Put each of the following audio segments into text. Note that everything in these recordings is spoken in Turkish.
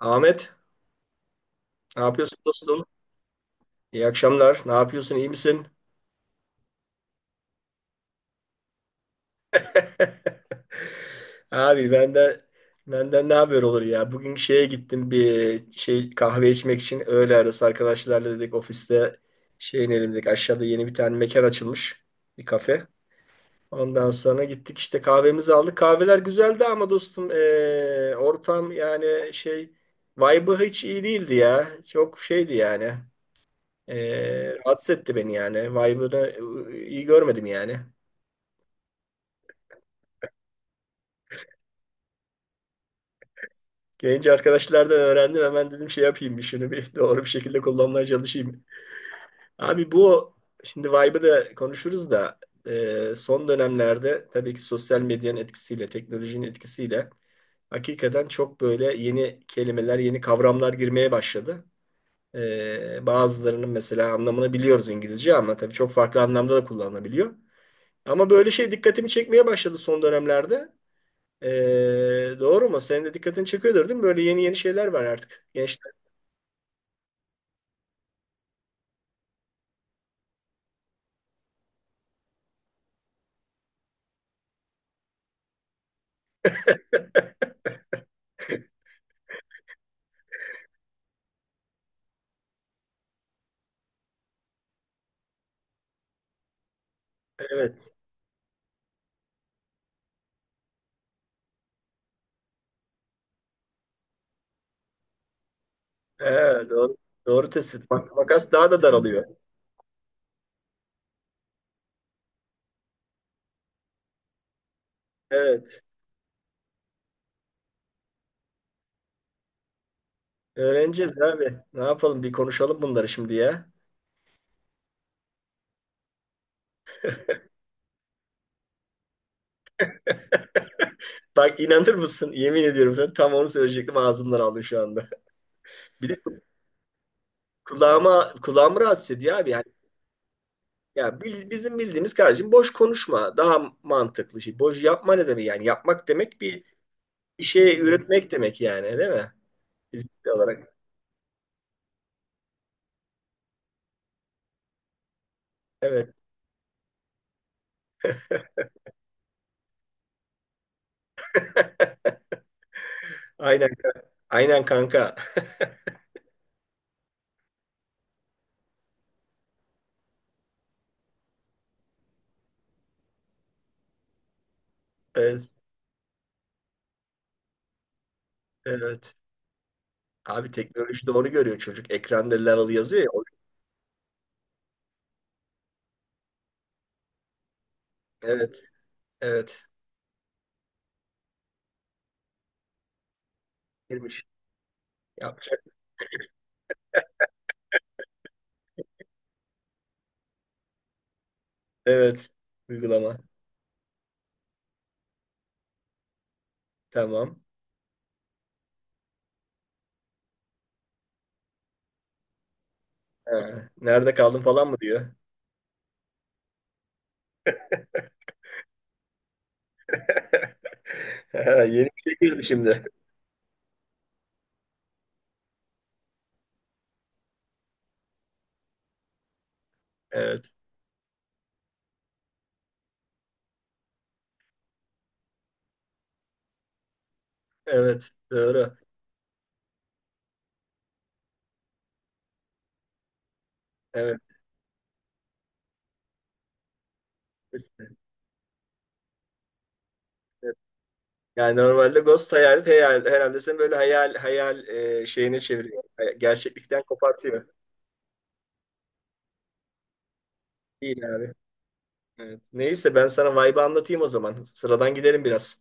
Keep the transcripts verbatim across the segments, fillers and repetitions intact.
Ahmet, ne yapıyorsun dostum? İyi akşamlar. Ne yapıyorsun? İyi misin? Abi ben de benden ne haber olur ya? Bugün şeye gittim bir şey kahve içmek için öğle arası arkadaşlarla dedik ofiste şey inelim dedik. Aşağıda yeni bir tane mekan açılmış. Bir kafe. Ondan sonra gittik işte kahvemizi aldık. Kahveler güzeldi ama dostum eee, ortam yani şey vibe'ı hiç iyi değildi ya. Çok şeydi yani. Ee, rahatsız etti beni yani. Vibe'ını e, iyi görmedim yani. Gelince arkadaşlardan öğrendim. Hemen dedim şey yapayım bir şunu bir doğru bir şekilde kullanmaya çalışayım. Abi bu şimdi vibe'ı da konuşuruz da e, son dönemlerde tabii ki sosyal medyanın etkisiyle, teknolojinin etkisiyle hakikaten çok böyle yeni kelimeler, yeni kavramlar girmeye başladı. E, bazılarının mesela anlamını biliyoruz İngilizce, ama tabii çok farklı anlamda da kullanılabiliyor. Ama böyle şey dikkatimi çekmeye başladı son dönemlerde. Ee, doğru mu? Senin de dikkatin çekiyordur değil mi? Böyle yeni yeni şeyler var artık. Gençler. Evet. Evet, doğru, doğru tespit. Bak, makas daha da daralıyor. Evet. Öğreneceğiz abi. Ne yapalım? Bir konuşalım bunları şimdi ya. Bak, inanır mısın? Yemin ediyorum sana, tam onu söyleyecektim. Ağzımdan aldım şu anda. Bir de kulağıma, kulağımı rahatsız ediyor abi. Yani, ya bil- bizim bildiğimiz kardeşim boş konuşma. Daha mantıklı şey. Boş yapma ne demek yani? Yapmak demek bir bir şey üretmek demek yani, değil mi? Fiziksel olarak. Evet. Aynen, aynen kanka. Evet, evet. Abi teknoloji doğru görüyor çocuk. Ekranda level yazıyor ya. o- Evet, evet. Girmiş. Yapacak. Evet. Uygulama. Tamam. Ha, nerede kaldın falan mı diyor. Ha, yeni bir şey girdi şimdi. Evet, evet. Doğru. Evet. Kesin. Evet. Yani normalde ghost hayal, hayal herhalde seni böyle hayal hayal e, şeyine çeviriyor. Hay- Gerçeklikten kopartıyor. Değil abi. Evet. Neyse, ben sana vibe'ı anlatayım o zaman. Sıradan gidelim biraz.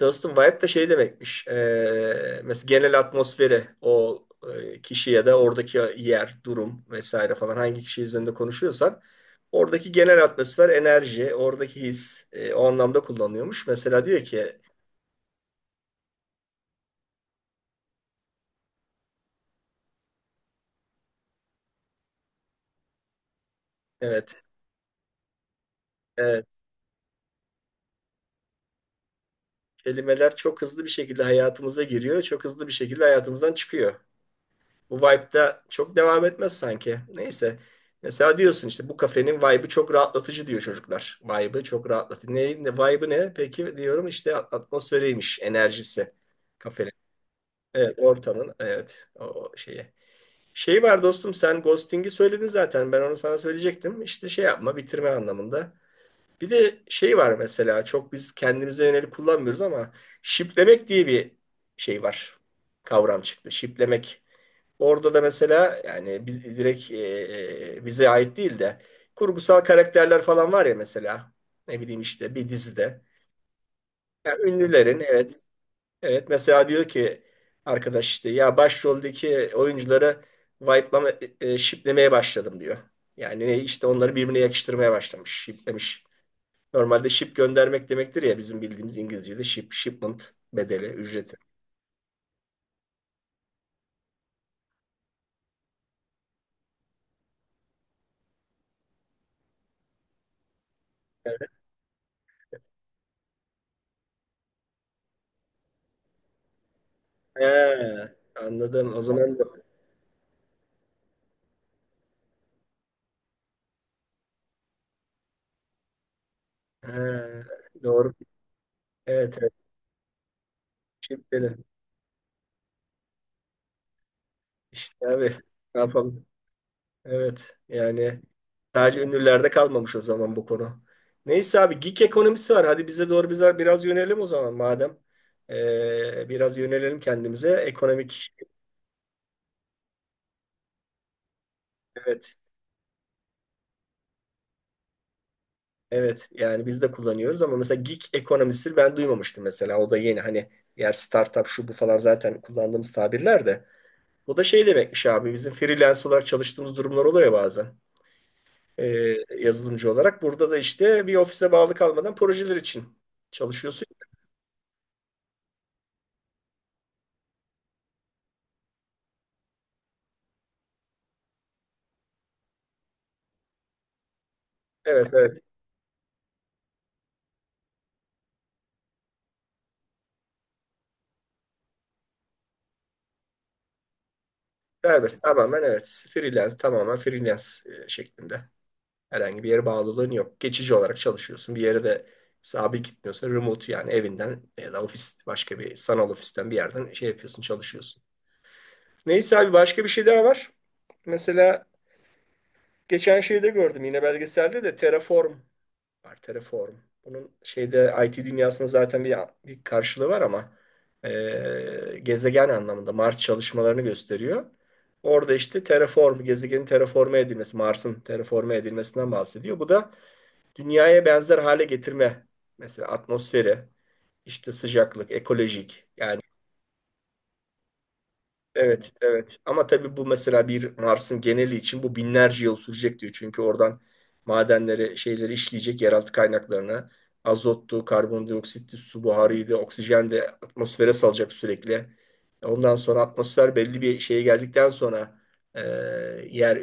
Dostum, vibe de şey demekmiş. Ee, mesela genel atmosferi o e, kişi ya da oradaki yer, durum vesaire falan, hangi kişi üzerinde konuşuyorsan oradaki genel atmosfer, enerji, oradaki his, e, o anlamda kullanıyormuş. Mesela diyor ki evet, evet, kelimeler çok hızlı bir şekilde hayatımıza giriyor, çok hızlı bir şekilde hayatımızdan çıkıyor. Bu vibe'da çok devam etmez sanki. Neyse. Mesela diyorsun işte bu kafenin vibe'ı çok rahatlatıcı, diyor çocuklar. Vibe'ı çok rahatlatıcı. Ne, ne- vibe'ı ne? Peki, diyorum işte at- atmosferiymiş, enerjisi kafenin. Evet, ortamın. Evet, o o şeyi. Şey var dostum, sen ghosting'i söyledin zaten. Ben onu sana söyleyecektim. İşte şey yapma, bitirme anlamında. Bir de şey var mesela, çok biz kendimize yönelik kullanmıyoruz ama şiplemek diye bir şey var. Kavram çıktı. Şiplemek. Orada da mesela, yani biz direkt e, e, bize ait değil de kurgusal karakterler falan var ya mesela, ne bileyim işte bir dizide. Yani ünlülerin, evet, evet, mesela diyor ki arkadaş işte, ya başroldeki oyuncuları wipe'lama e, e, shiplemeye başladım, diyor. Yani ne- işte onları birbirine yakıştırmaya başlamış, shiplemiş. Normalde ship göndermek demektir ya, bizim bildiğimiz İngilizce'de ship, shipment bedeli, ücreti. He, anladım. O zaman da- he, doğru. Evet. Şüpheli. İşte abi, ne yapalım? Evet, yani sadece ünlülerde kalmamış o zaman bu konu. Neyse abi, geek ekonomisi var. Hadi bize doğru, bize biraz yönelim o zaman madem. Ee, biraz yönelelim kendimize. Ekonomik, evet, evet, yani biz de kullanıyoruz ama mesela gig ekonomisi ben duymamıştım mesela. O da yeni, hani yer startup şu bu falan zaten kullandığımız tabirler de. Bu da şey demekmiş abi, bizim freelance olarak çalıştığımız durumlar oluyor ya bazen. e, Yazılımcı olarak. Burada da işte bir ofise bağlı kalmadan projeler için çalışıyorsun. Evet, evet. Serbest. Tamamen evet. Freelance, tamamen freelance e, şeklinde. Herhangi bir yere bağlılığın yok. Geçici olarak çalışıyorsun. Bir yere de sabit gitmiyorsun. Remote, yani evinden ya da ofis, başka bir sanal ofisten bir yerden şey yapıyorsun, çalışıyorsun. Neyse abi, başka bir şey daha var. Mesela geçen şeyde gördüm, yine belgeselde de Terraform var. Terraform. Bunun şeyde I T dünyasında zaten bir, bir karşılığı var, ama e, gezegen anlamında Mars çalışmalarını gösteriyor. Orada işte terraform, gezegenin terraforme edilmesi, Mars'ın terraforme edilmesinden bahsediyor. Bu da dünyaya benzer hale getirme. Mesela atmosferi, işte sıcaklık, ekolojik yani. Evet, evet. Ama tabii bu mesela bir Mars'ın geneli için bu binlerce yıl sürecek diyor. Çünkü oradan madenleri, şeyleri işleyecek, yeraltı kaynaklarını. Azottu, karbondioksitti, su buharıydı, oksijen de atmosfere salacak sürekli. Ondan sonra atmosfer belli bir şeye geldikten sonra e, yer,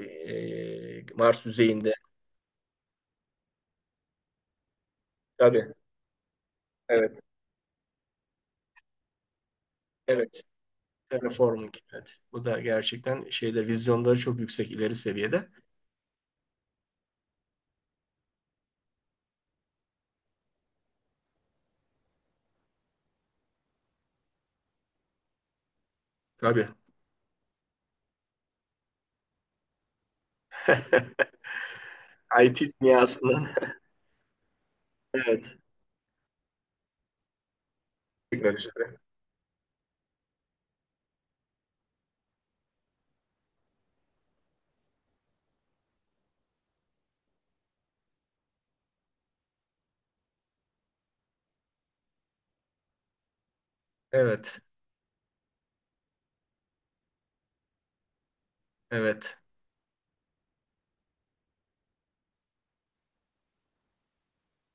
e, Mars yüzeyinde. Tabii, evet, evet. Terraforming, evet. Bu da gerçekten şeyler, vizyonları çok yüksek, ileri seviyede. Tabii. I T dünyasından. Evet. Günler işte. Evet. Evet.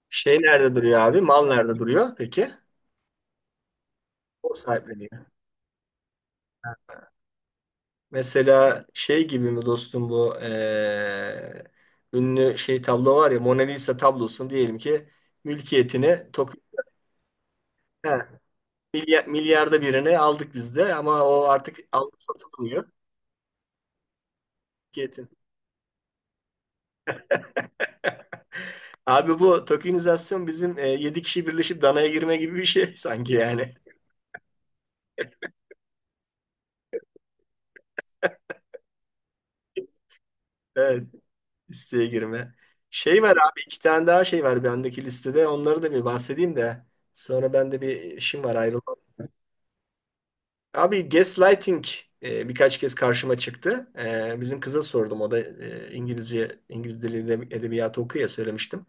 Şey nerede duruyor abi? Mal nerede duruyor peki? O sahipleniyor. Ha. Mesela şey gibi mi dostum bu, eee, ünlü şey tablo var ya, Mona Lisa tablosun diyelim ki, mülkiyetini Tokyo. He, milyar, milyarda birine aldık biz de, ama o artık alınıp satılmıyor. Mülkiyetin. Abi, bu tokenizasyon bizim e, yedi kişi birleşip danaya girme gibi bir şey sanki yani. Evet. Listeye girme. Şey var abi, iki tane daha şey var bendeki listede. Onları da bir bahsedeyim de. Sonra bende bir işim var, ayrılmam. Abi, gaslighting e, birkaç kez karşıma çıktı. E, bizim kıza sordum. O da e, İngilizce, İngiliz dili edeb- edebiyatı okuyor ya, söylemiştim.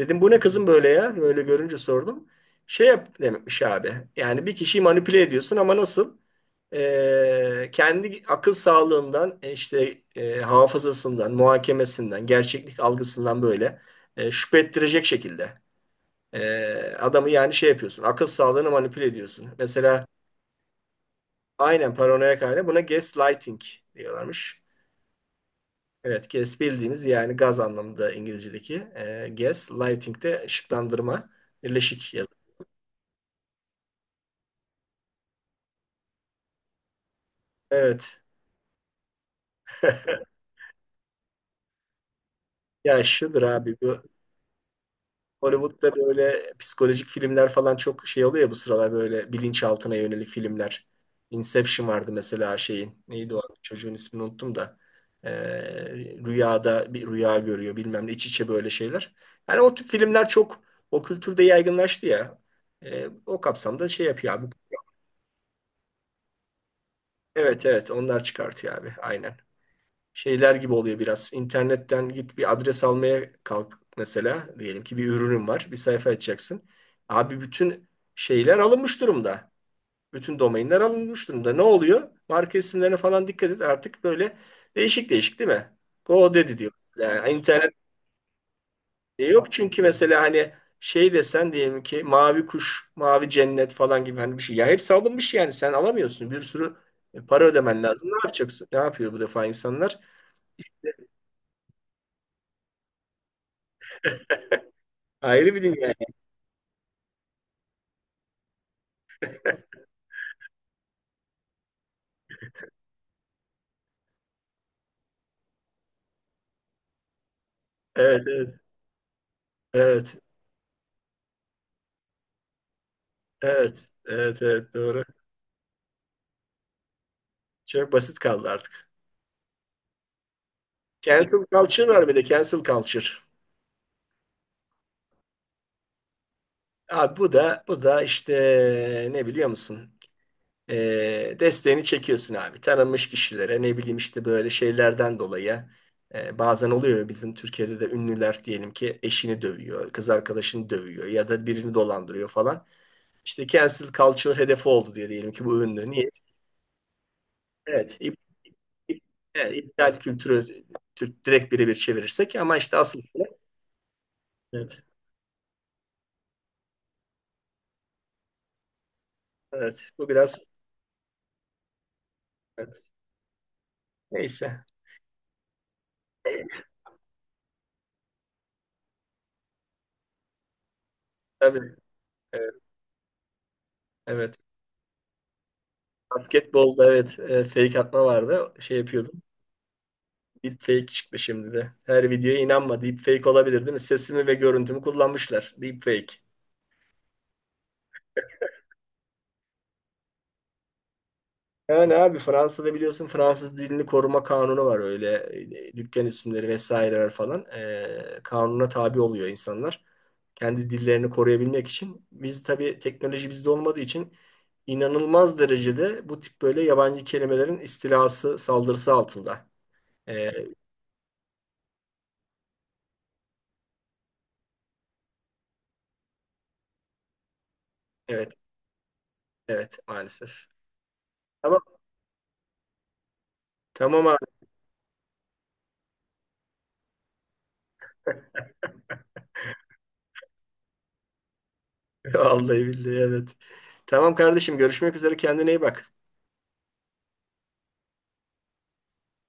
Dedim, bu ne kızım böyle ya? Böyle görünce sordum. Şey yap demekmiş abi. Yani bir kişiyi manipüle ediyorsun ama nasıl? Ee, kendi akıl sağlığından işte, e, hafızasından, muhakemesinden, gerçeklik algısından böyle e, şüphe ettirecek şekilde. Ee, adamı yani şey yapıyorsun. Akıl sağlığını manipüle ediyorsun. Mesela aynen, paranoyak hale, buna gaslighting diyorlarmış. Evet, gas bildiğimiz yani gaz anlamında İngilizce'deki. E, gaslighting de ışıklandırma, birleşik yazı. Evet. Ya şudur abi bu, Hollywood'da böyle psikolojik filmler falan çok şey oluyor ya, bu sıralar böyle bilinçaltına yönelik filmler. Inception vardı mesela, şeyin. Neydi o? Çocuğun ismini unuttum da. Ee, rüyada bir rüya görüyor bilmem ne, iç içe böyle şeyler. Yani o tip filmler çok o kültürde yaygınlaştı ya. Ee, o kapsamda şey yapıyor abi. Evet, evet, onlar çıkartıyor abi. Aynen. Şeyler gibi oluyor biraz. İnternetten git bir adres almaya kalk mesela. Diyelim ki bir ürünün var. Bir sayfa açacaksın. Abi, bütün şeyler alınmış durumda. Bütün domainler alınmış durumda. Ne oluyor? Marka isimlerine falan dikkat et. Artık böyle değişik değişik değil mi? Go dedi diyor. Yani, evet. internet diye yok çünkü, mesela hani şey desen, diyelim ki mavi kuş, mavi cennet falan gibi hani bir şey. Ya hepsi alınmış, yani sen alamıyorsun. Bir sürü e, para ödemen lazım. Ne yapacaksın? Ne yapıyor bu defa insanlar? Ayrı bir dünya. Evet, evet, evet, evet, evet, evet, doğru. Çok basit kaldı artık. Cancel culture var, bir de cancel culture. Abi, bu da bu da işte ne biliyor musun? Ee, desteğini çekiyorsun abi. Tanınmış kişilere, ne bileyim işte böyle şeylerden dolayı e, bazen oluyor ya, bizim Türkiye'de de ünlüler diyelim ki eşini dövüyor, kız arkadaşını dövüyor ya da birini dolandırıyor falan. İşte cancel culture hedefi oldu diye, diyelim ki bu ünlü. Niye? Evet. Evet, iptal kültürü, Türk direkt birebir çevirirsek, ama işte asıl, evet, evet, bu biraz, evet. Neyse, tabii, evet, evet. Basketbolda evet, e, fake atma vardı, şey yapıyordum, deepfake çıktı şimdi. De her videoya inanma, deepfake olabilir, değil mi? Sesimi ve görüntümü kullanmışlar, deepfake. Yani abi, Fransa'da biliyorsun, Fransız dilini koruma kanunu var, öyle e, dükkan isimleri vesaireler falan e, kanuna tabi oluyor insanlar. Kendi dillerini koruyabilmek için. Biz tabii teknoloji bizde olmadığı için inanılmaz derecede bu tip böyle yabancı kelimelerin istilası, saldırısı altında. E, evet, evet, maalesef. Tamam, tamam abi. Vallahi billahi evet. Tamam kardeşim, görüşmek üzere, kendine iyi bak.